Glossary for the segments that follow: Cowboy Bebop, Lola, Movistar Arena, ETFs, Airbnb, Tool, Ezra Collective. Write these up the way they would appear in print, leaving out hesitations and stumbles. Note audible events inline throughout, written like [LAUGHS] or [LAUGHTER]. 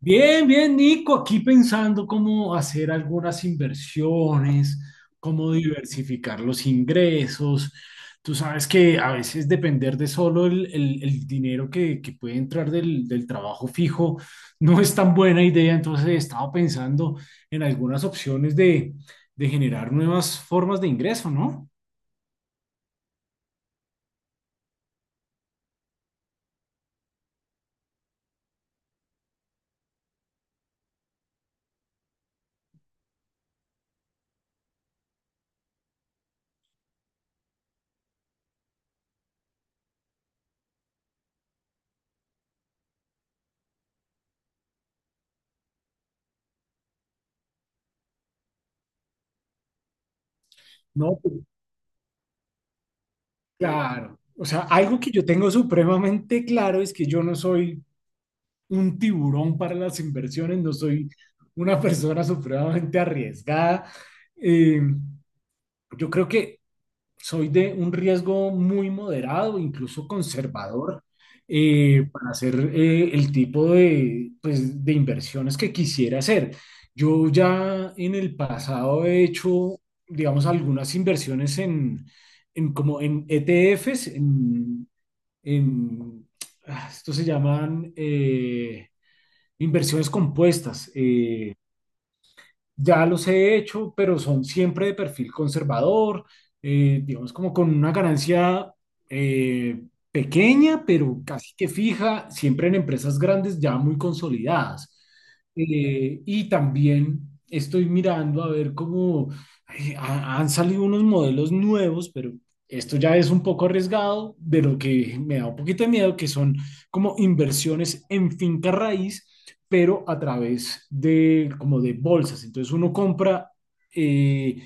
Bien, bien, Nico, aquí pensando cómo hacer algunas inversiones, cómo diversificar los ingresos. Tú sabes que a veces depender de solo el dinero que puede entrar del trabajo fijo no es tan buena idea, entonces he estado pensando en algunas opciones de generar nuevas formas de ingreso, ¿no? No, pues, claro. O sea, algo que yo tengo supremamente claro es que yo no soy un tiburón para las inversiones, no soy una [LAUGHS] persona supremamente arriesgada. Eh, yo creo que soy de un riesgo muy moderado, incluso conservador, para hacer el tipo de, pues, de inversiones que quisiera hacer. Yo ya en el pasado he hecho, digamos, algunas inversiones en como en ETFs, en- esto se llaman... inversiones compuestas. Ya los he hecho, pero son siempre de perfil conservador, digamos como con una ganancia eh, pequeña, pero casi que fija, siempre en empresas grandes ya muy consolidadas. Y también estoy mirando a ver cómo han salido unos modelos nuevos, pero esto ya es un poco arriesgado, de lo que me da un poquito de miedo, que son como inversiones en finca raíz pero a través de como de bolsas. Entonces uno compra eh,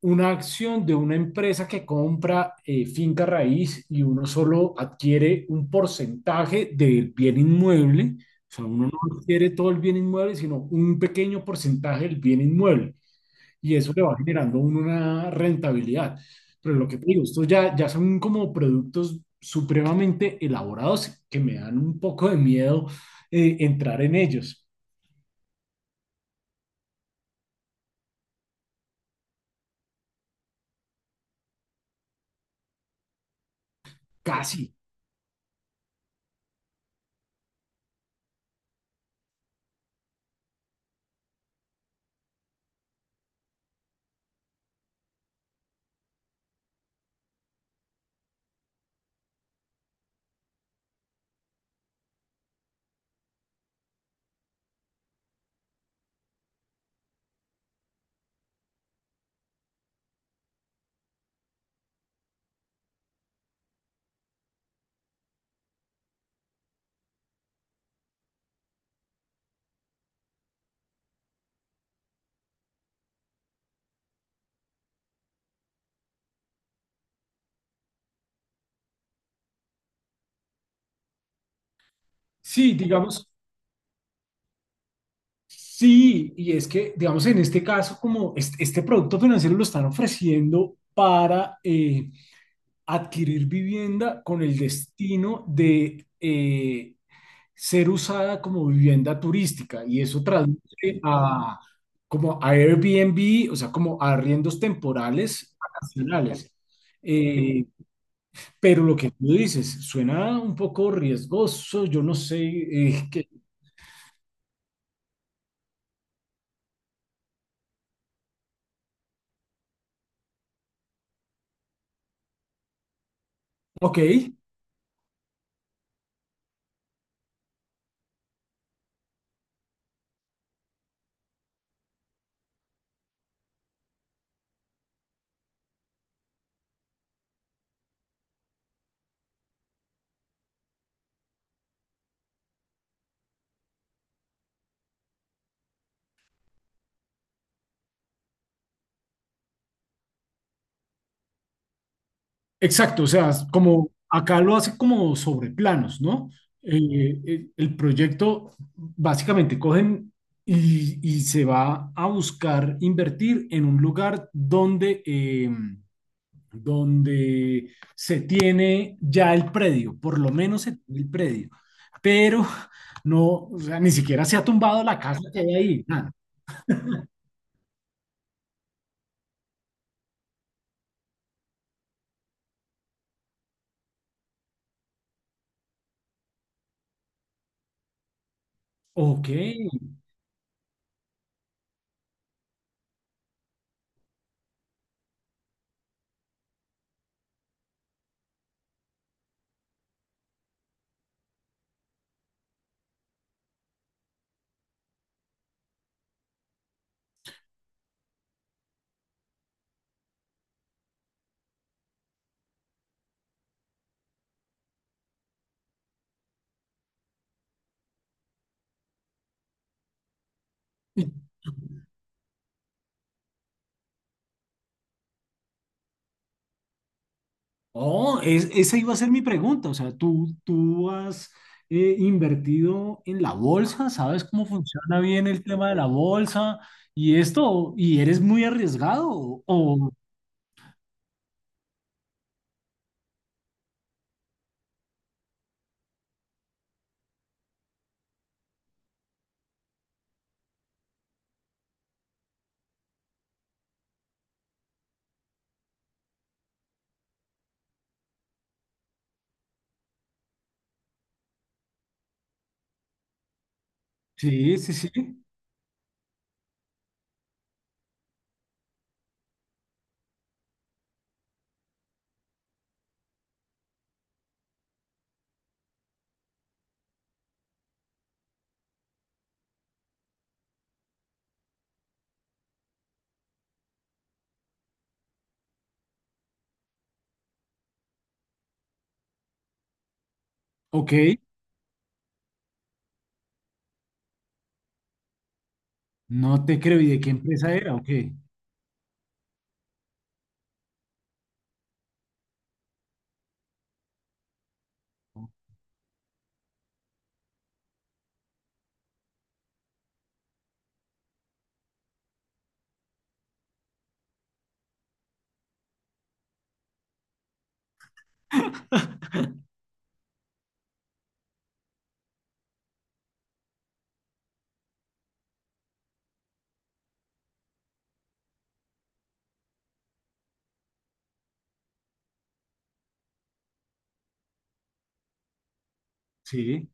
una acción de una empresa que compra finca raíz y uno solo adquiere un porcentaje del bien inmueble. O sea, uno no adquiere todo el bien inmueble, sino un pequeño porcentaje del bien inmueble. Y eso le va generando a uno una rentabilidad. Pero lo que te digo, estos ya, ya son como productos supremamente elaborados que me dan un poco de miedo entrar en ellos. Casi. Sí, digamos, sí, y es que, digamos, en este caso, como este producto financiero lo están ofreciendo para adquirir vivienda con el destino de ser usada como vivienda turística, y eso traduce a, como a Airbnb, o sea, como a arriendos temporales vacacionales. Eh, pero lo que tú dices suena un poco riesgoso, yo no sé, eh, que- ok. Exacto, o sea, como acá lo hace como sobre planos, ¿no? El proyecto básicamente cogen y se va a buscar invertir en un lugar donde, donde se tiene ya el predio, por lo menos se tiene el predio, pero no, o sea, ni siquiera se ha tumbado la casa que hay ahí, nada. Ok. Oh, esa iba a ser mi pregunta. O sea, ¿tú has invertido en la bolsa? ¿Sabes cómo funciona bien el tema de la bolsa y esto? ¿Y eres muy arriesgado? Sí, sí, sí. Ok, no te creo. ¿Y de qué empresa era? Ok, sí.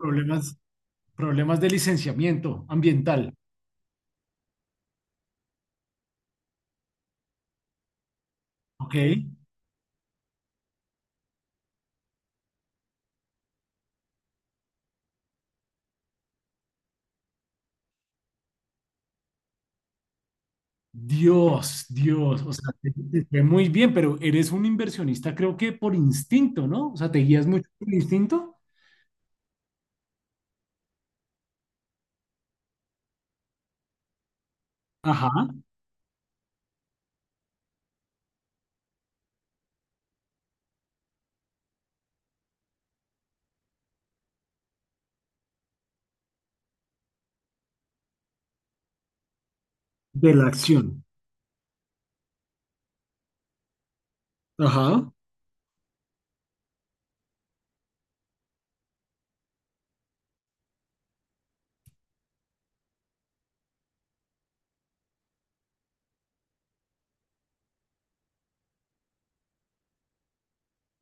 Problemas, problemas de licenciamiento ambiental. Ok. Dios, Dios, o sea, te fue muy bien, pero eres un inversionista, creo que por instinto, ¿no? O sea, ¿te guías mucho por instinto? Ajá. De la acción. Ajá.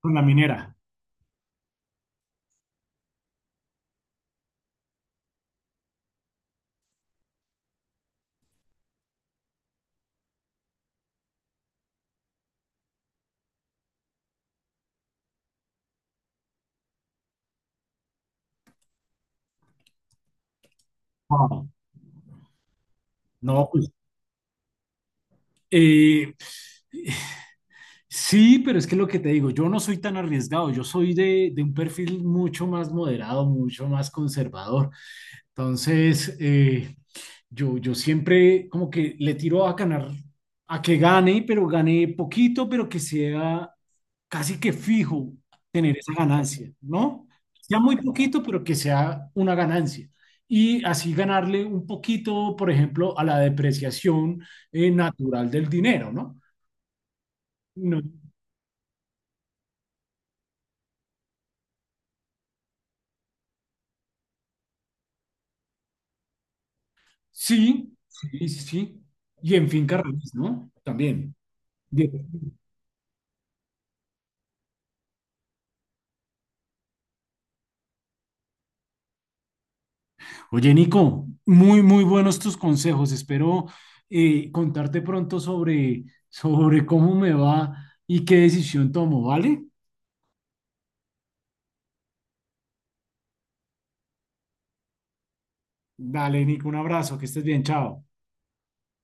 Con la minera. Wow. No, pues Eh, sí, pero es que lo que te digo, yo no soy tan arriesgado, yo soy de un perfil mucho más moderado, mucho más conservador. Entonces, yo, yo siempre como que le tiro a ganar, a que gane, pero gane poquito, pero que sea casi que fijo tener esa ganancia, ¿no? Sea muy poquito, pero que sea una ganancia. Y así ganarle un poquito, por ejemplo, a la depreciación natural del dinero, ¿no? No, sí, sí, sí, sí. Y en finca raíz, ¿no? También. Bien. Oye, Nico, muy, muy buenos tus consejos. Espero contarte pronto sobre, sobre cómo me va y qué decisión tomo, ¿vale? Dale, Nico, un abrazo, que estés bien, chao.